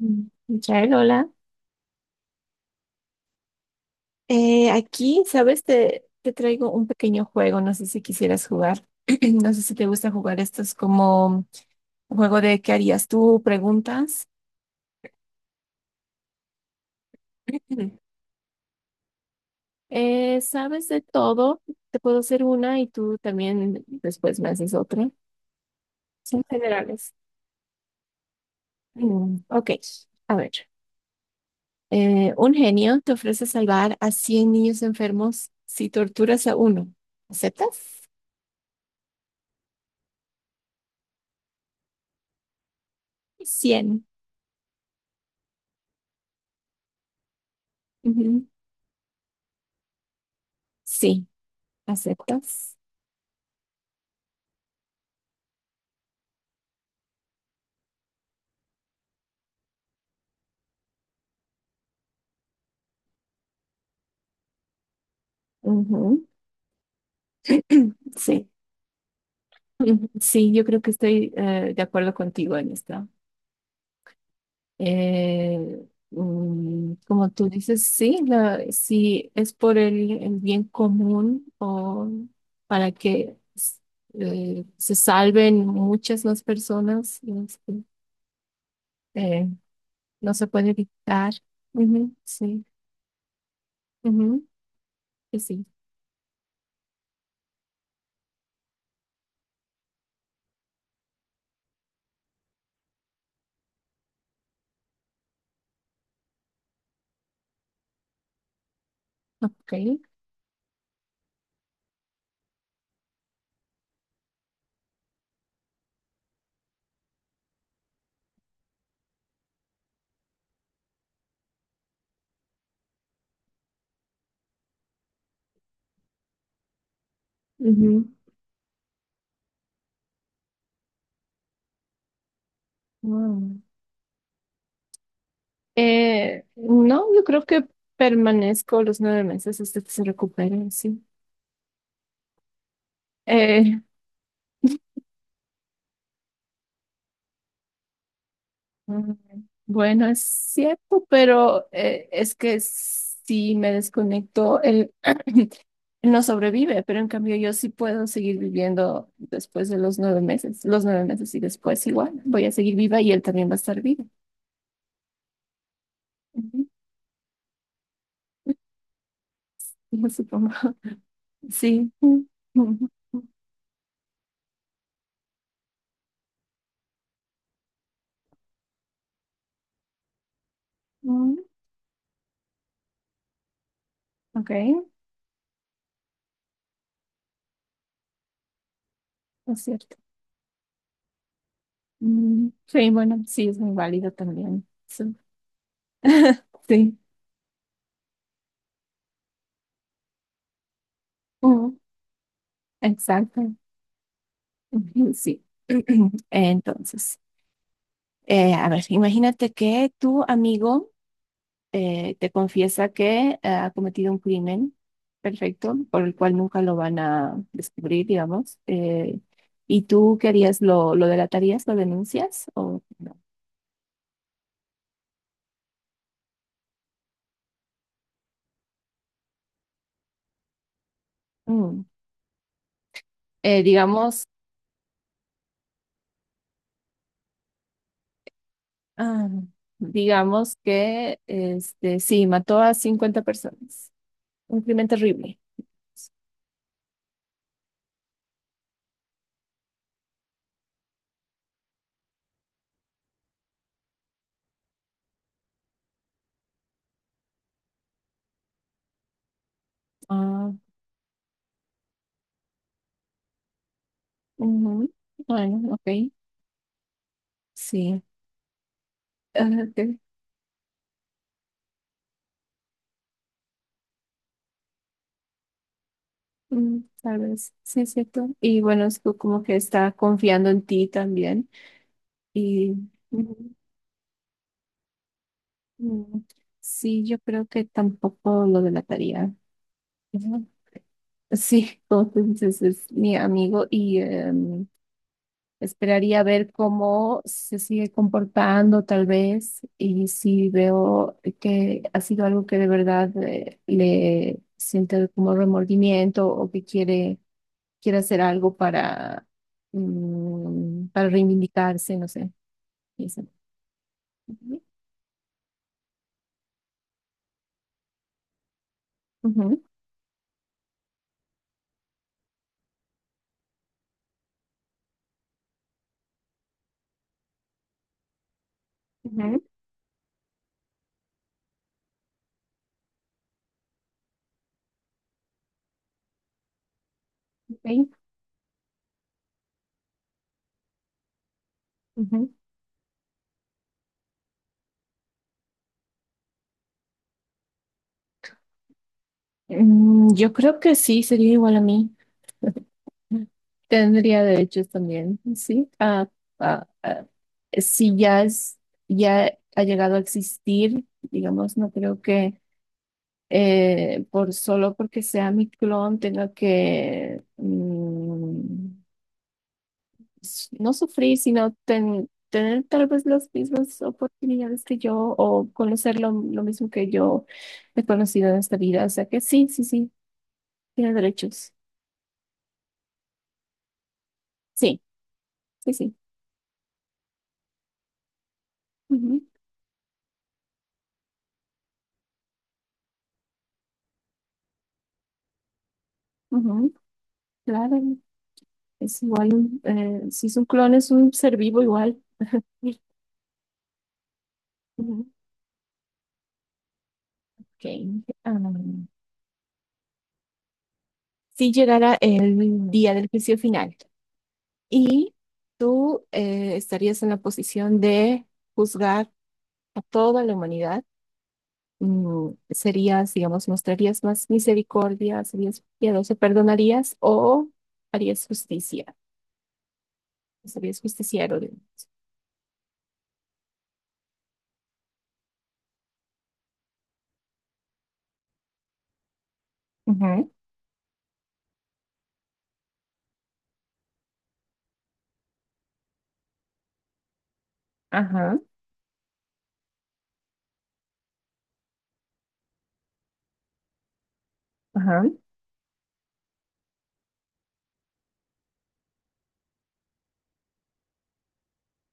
Mm. Michael, hola. Aquí, ¿sabes? Te traigo un pequeño juego, no sé si quisieras jugar. No sé si te gusta jugar estos como juego de ¿qué harías tú? Preguntas. ¿Sabes de todo? Te puedo hacer una y tú también después me haces otra. Son generales. Ok, a ver. Un genio te ofrece salvar a 100 niños enfermos si torturas a uno. ¿Aceptas? 100. Sí, ¿aceptas? Ujú. Sí, sí, yo creo que estoy de acuerdo contigo en esto. Eh, Como tú dices, sí, si es por el bien común o para que se salven muchas más personas, este, eh, no se puede evitar. Ujú, sí. Ujú, que sí. Ok. Ujú, wow. No, yo creo que permanezco los 9 meses hasta que se recupere, sí. Eh, mm, bueno, es cierto, pero es que si me desconecto, él no sobrevive, pero en cambio yo sí puedo seguir viviendo después de los 9 meses, los 9 meses y después igual, voy a seguir viva y él también va a estar vivo. Ujú. Yo supongo, sí. Mm, mm, mm, Ok, es cierto. Mm, sí, bueno, sí, es muy válido también. Sí, sí, mm, exacto. Ujú, sí. Entonces, a ver, imagínate que tu amigo te confiesa que ha cometido un crimen, perfecto, por el cual nunca lo van a descubrir, digamos. ¿Y tú querías lo delatarías, lo denuncias o no? Mm, digamos... Ah, digamos que este, sí, mató a 50 personas. Un crimen terrible. Ah, ujú. Bueno, ok, sí. Ah, ok, tal vez, sí es cierto. Y bueno, es como que está confiando en ti también. Y, ujú, mm, sí, yo creo que tampoco lo delataría. Ujú. Sí, como tú dices, es mi amigo y esperaría ver cómo se sigue comportando tal vez y si veo que ha sido algo que de verdad le siente como remordimiento o que quiere hacer algo para reivindicarse, no sé, pienso. Ujú, ujú, ujú, ok, ujú. Yo creo que sí, sería igual a mí. Tendría derechos también, sí. Ah, ah, Si ya ha llegado a existir, digamos, no creo que por solo porque sea mi clon tenga que no sufrir, sino tener tal vez las mismas oportunidades que yo o conocer lo mismo que yo he conocido en esta vida. O sea que sí, sí, sí, tiene derechos. Sí, sí, sí. Ujú, ujú, claro. Es igual, si es un clon, es un ser vivo igual. Ujú. Ok. Am, si llegara el día del juicio final y tú estarías en la posición de juzgar a toda la humanidad, serías, digamos, mostrarías más misericordia, serías piadoso, perdonarías o harías justicia, serías justiciero. Ujú, ajá, ajá.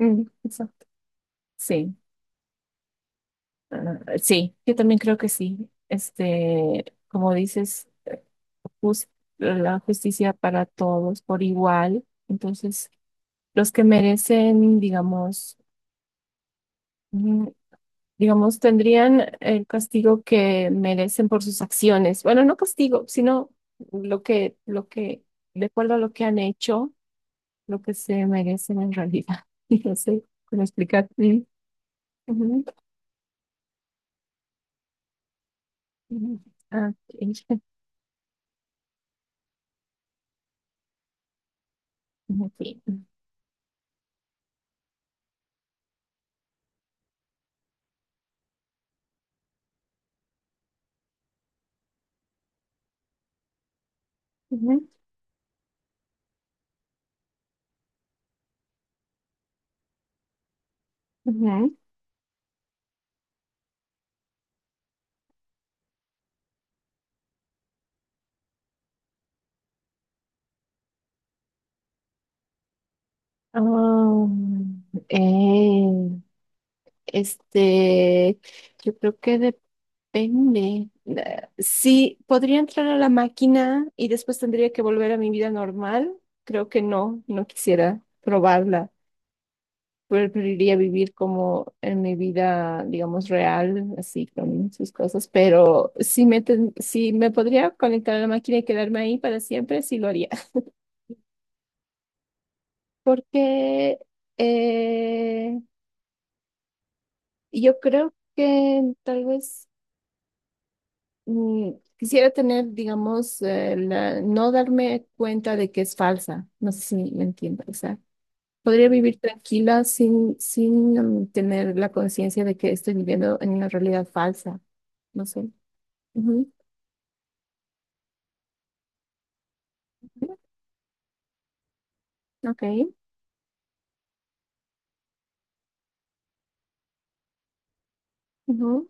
Mm, exacto. Sí. Ah, sí, yo también creo que sí. Este, como dices, jus- la justicia para todos por igual. Entonces, los que merecen, digamos, mm, digamos, tendrían el castigo que merecen por sus acciones. Bueno, no castigo, sino lo que, de acuerdo a lo que han hecho, lo que se merecen en realidad. Y no sé cómo explicar. Mm, ujú, ujú. Ah, ok. Ujú, sí. Ujú, ujú. Ah, eh, este, yo creo que depende. Sí, podría entrar a la máquina y después tendría que volver a mi vida normal. Creo que no, no quisiera probarla. Preferiría vivir como en mi vida, digamos, real, así con sus cosas. Pero si me podría conectar a la máquina y quedarme ahí para siempre, sí lo haría. Porque eh, Y yo creo que tal vez mm, quisiera tener, digamos, no darme cuenta de que es falsa. No sé si me entiendo. O sea, podría vivir tranquila sin tener la conciencia de que estoy viviendo en una realidad falsa. No sé. Ujú. Ok. Ujú.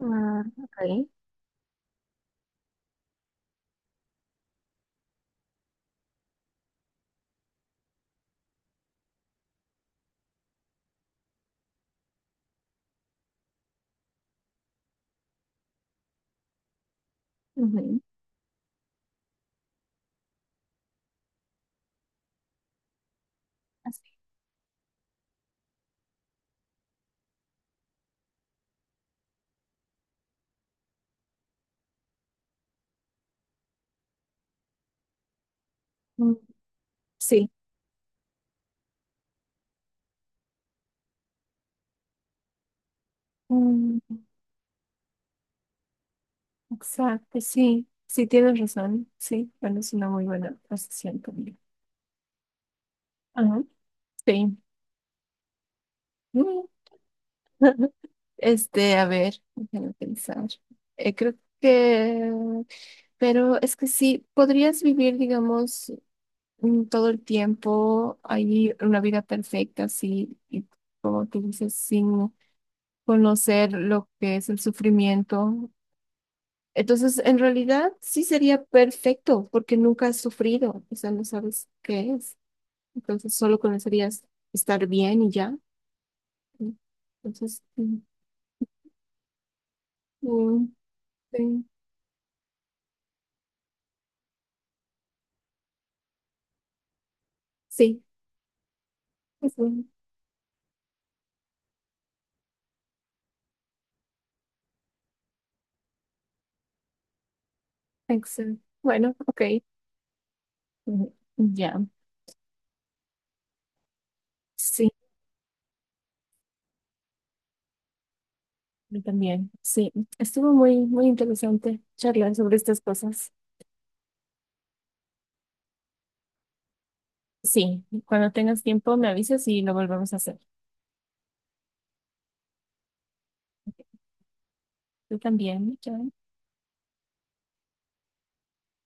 Ah, ok. Ujú. Así. Mm, sí. Mm, exacto, sí. Sí, tienes razón. Sí, bueno, es una muy buena posición también. Ajá. Sí. Este, a ver, déjame pensar. Creo que, pero es que sí, podrías vivir, digamos, todo el tiempo ahí una vida perfecta, sí, y como tú dices, sin conocer lo que es el sufrimiento. Entonces, en realidad, sí sería perfecto, porque nunca has sufrido, o sea, no sabes qué es. Entonces, solo conocerías estar bien y ya. Entonces, mm, mm, sí, sí. Excel. Bueno, ok. Ujú, ya, sí, yo también. Sí, estuvo muy, muy interesante charlar sobre estas cosas. Sí, cuando tengas tiempo me avisas y lo volvemos a hacer. Tú también. Chao.